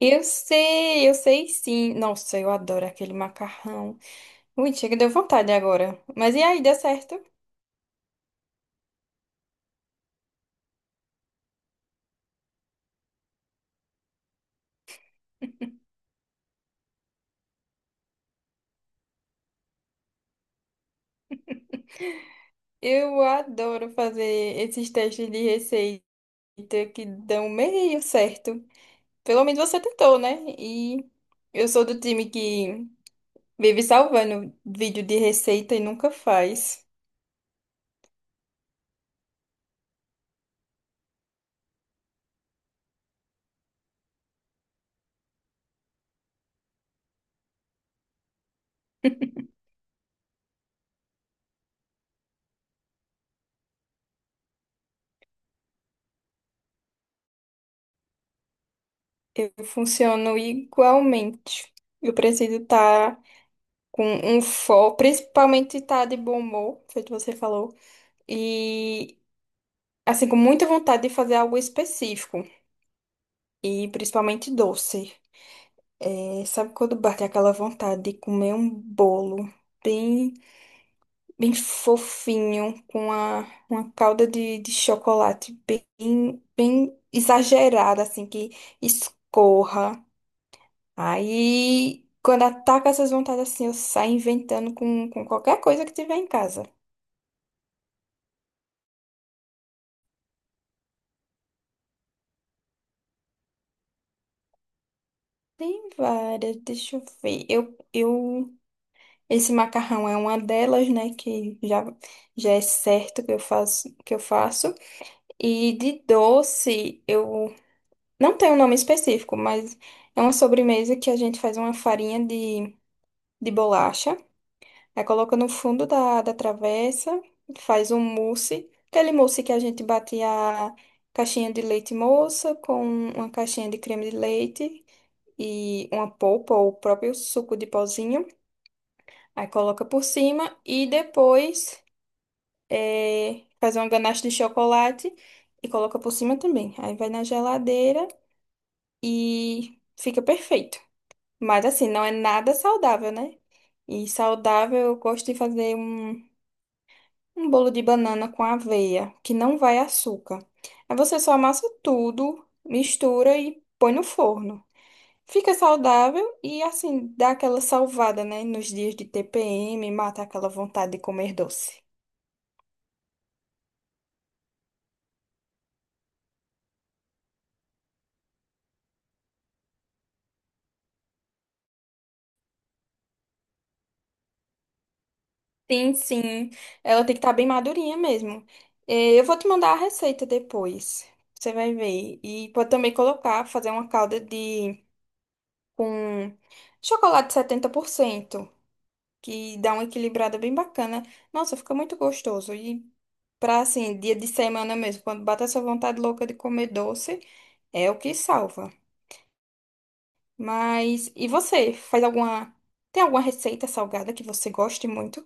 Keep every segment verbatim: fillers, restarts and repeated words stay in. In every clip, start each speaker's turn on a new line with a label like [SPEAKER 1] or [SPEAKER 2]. [SPEAKER 1] Eu sei, eu sei sim. Nossa, eu adoro aquele macarrão. Ui, chega, deu vontade agora. Mas e aí, deu certo? Eu adoro fazer esses testes de receita que dão meio certo. Pelo menos você tentou, né? E eu sou do time que vive salvando vídeo de receita e nunca faz. Eu funciono igualmente. Eu preciso estar com um foco, principalmente estar de bom humor, feito você falou. E, assim, com muita vontade de fazer algo específico. E principalmente doce. É, sabe quando bate aquela vontade de comer um bolo bem, bem fofinho, com a uma calda de, de chocolate bem, bem exagerada, assim, que escorra. Aí, quando ataca essas vontades assim, eu saio inventando com, com qualquer coisa que tiver em casa. Tem várias, deixa eu ver. Eu, eu Esse macarrão é uma delas, né, que já, já é certo que eu faço, que eu faço. E de doce, eu não tenho um nome específico, mas é uma sobremesa que a gente faz uma farinha de, de bolacha, aí coloca no fundo da, da travessa, faz um mousse, aquele mousse que a gente bate a caixinha de leite moça com uma caixinha de creme de leite e uma polpa ou o próprio suco de pozinho, aí coloca por cima e depois é, faz uma ganache de chocolate e coloca por cima também. Aí vai na geladeira e fica perfeito. Mas assim, não é nada saudável, né? E saudável, eu gosto de fazer um, um bolo de banana com aveia, que não vai açúcar. Aí você só amassa tudo, mistura e põe no forno. Fica saudável e assim, dá aquela salvada, né? Nos dias de T P M, mata aquela vontade de comer doce. Sim, sim. Ela tem que estar bem madurinha mesmo. Eh, Eu vou te mandar a receita depois. Você vai ver. E pode também colocar, fazer uma calda de com chocolate setenta por cento que dá uma equilibrada bem bacana. Nossa, fica muito gostoso. E pra assim, dia de semana mesmo, quando bate essa vontade louca de comer doce, é o que salva. Mas e você? Faz alguma Tem alguma receita salgada que você goste muito?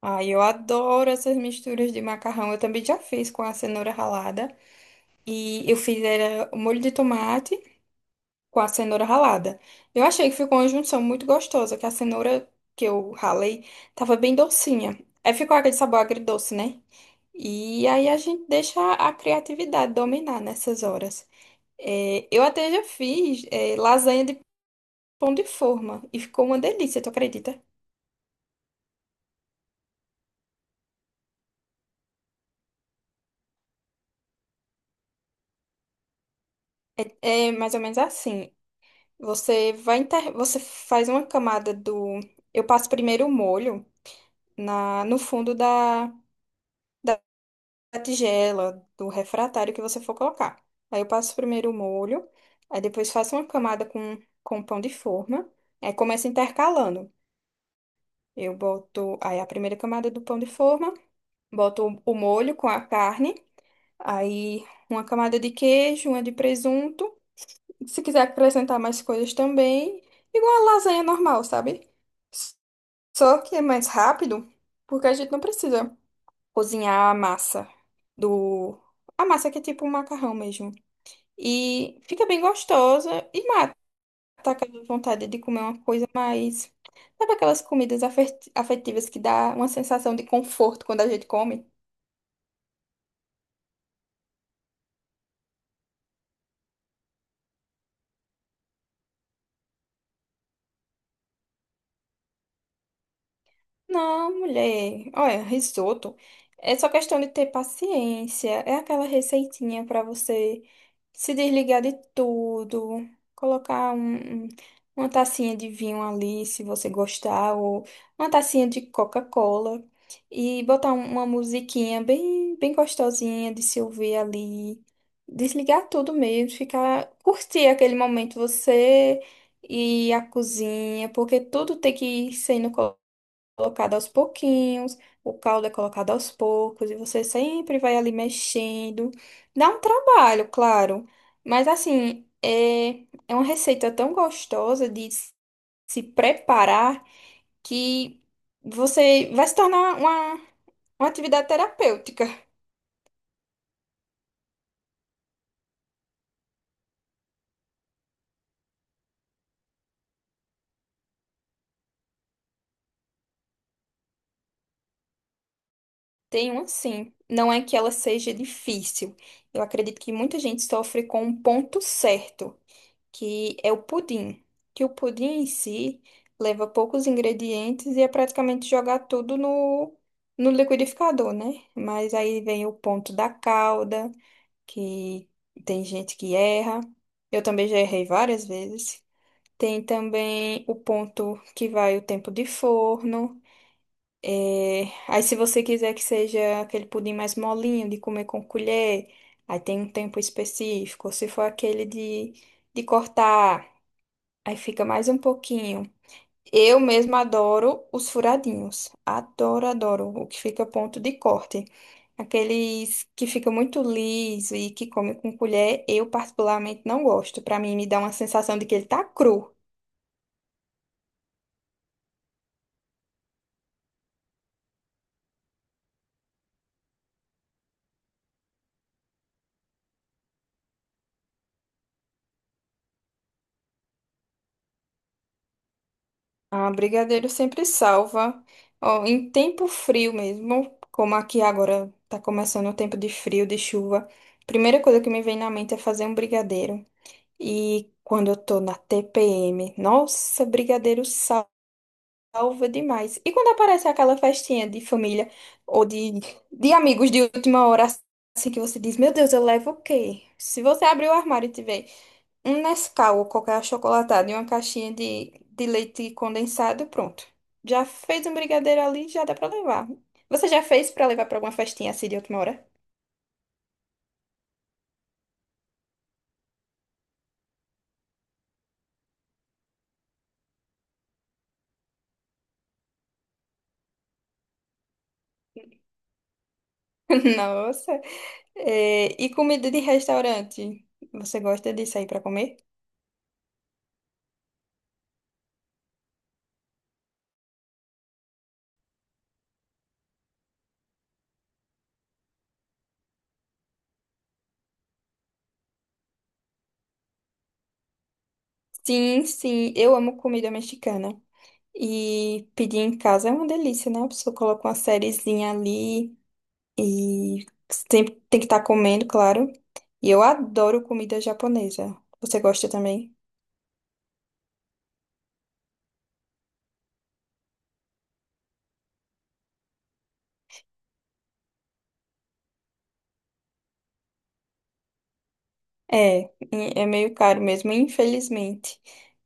[SPEAKER 1] Ai, eu adoro essas misturas de macarrão. Eu também já fiz com a cenoura ralada. E eu fiz era o molho de tomate com a cenoura ralada. Eu achei que ficou uma junção muito gostosa, que a cenoura que eu ralei tava bem docinha. Aí ficou aquele sabor agridoce, né? E aí a gente deixa a criatividade dominar nessas horas. É, eu até já fiz, é, lasanha de pão de forma e ficou uma delícia, tu acredita? É, é mais ou menos assim. Você vai inter... você faz uma camada do. Eu passo primeiro o molho na... no fundo da... da tigela, do refratário que você for colocar. Aí eu passo primeiro o molho, aí depois faço uma camada com, com pão de forma. Aí começo intercalando. Eu boto aí a primeira camada do pão de forma, boto o o molho com a carne, aí uma camada de queijo, uma de presunto. Se quiser acrescentar mais coisas também, igual a lasanha normal, sabe? Só que é mais rápido, porque a gente não precisa cozinhar a massa do... A massa que é tipo um macarrão mesmo. E fica bem gostosa e mata aquela vontade de comer uma coisa mais... Sabe aquelas comidas afet afetivas que dá uma sensação de conforto quando a gente come? Não, mulher. Olha, risoto é só questão de ter paciência. É aquela receitinha para você se desligar de tudo, colocar um- um- uma tacinha de vinho ali, se você gostar, ou uma tacinha de Coca-Cola e botar um- uma musiquinha bem, bem gostosinha de se ouvir ali. Desligar tudo mesmo, ficar, curtir aquele momento você e a cozinha, porque tudo tem que ser no colocado aos pouquinhos, o caldo é colocado aos poucos, e você sempre vai ali mexendo. Dá um trabalho, claro, mas assim, é, é uma receita tão gostosa de s- se preparar que você vai se tornar uma, uma atividade terapêutica. Tem um sim. Não é que ela seja difícil. Eu acredito que muita gente sofre com um ponto certo, que é o pudim. Que o pudim em si leva poucos ingredientes e é praticamente jogar tudo no, no liquidificador, né? Mas aí vem o ponto da calda, que tem gente que erra. Eu também já errei várias vezes. Tem também o ponto que vai o tempo de forno. Aí, se você quiser que seja aquele pudim mais molinho, de comer com colher, aí tem um tempo específico. Se for aquele de, de cortar. Aí fica mais um pouquinho. Eu mesma adoro os furadinhos. Adoro, adoro. O que fica ponto de corte. Aqueles que fica muito liso e que come com colher, eu particularmente não gosto. Pra mim, me dá uma sensação de que ele tá cru. Ah, brigadeiro sempre salva. Ó, em tempo frio mesmo, como aqui agora tá começando o tempo de frio, de chuva. Primeira coisa que me vem na mente é fazer um brigadeiro. E quando eu tô na T P M, nossa, brigadeiro salva. Salva demais. E quando aparece aquela festinha de família ou de, de amigos de última hora, assim que você diz, meu Deus, eu levo o quê? Se você abrir o armário e tiver um Nescau ou qualquer achocolatado e uma caixinha de, de leite condensado, pronto. Já fez um brigadeiro ali, já dá pra levar. Você já fez pra levar pra alguma festinha assim de última hora? Nossa. É, e comida de restaurante? Você gosta de sair pra comer? Sim, sim, eu amo comida mexicana. E pedir em casa é uma delícia, né? A pessoa coloca uma sériezinha ali e sempre tem que estar comendo, claro. E eu adoro comida japonesa. Você gosta também? É, e é meio caro mesmo, infelizmente.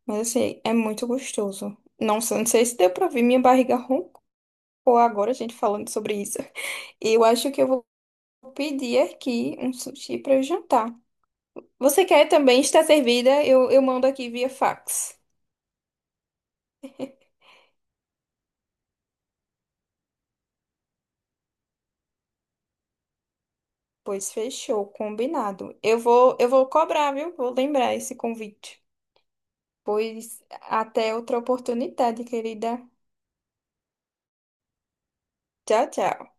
[SPEAKER 1] Mas assim, é muito gostoso. Não, sei- não sei se deu pra ver, minha barriga roncou agora, a gente falando sobre isso. Eu acho que eu vou pedir aqui um sushi pra eu jantar. Você quer também estar servida? Eu, eu mando aqui via fax. Pois fechou, combinado. Eu vou, eu vou cobrar, viu? Vou lembrar esse convite. Pois até outra oportunidade, querida. Tchau, tchau.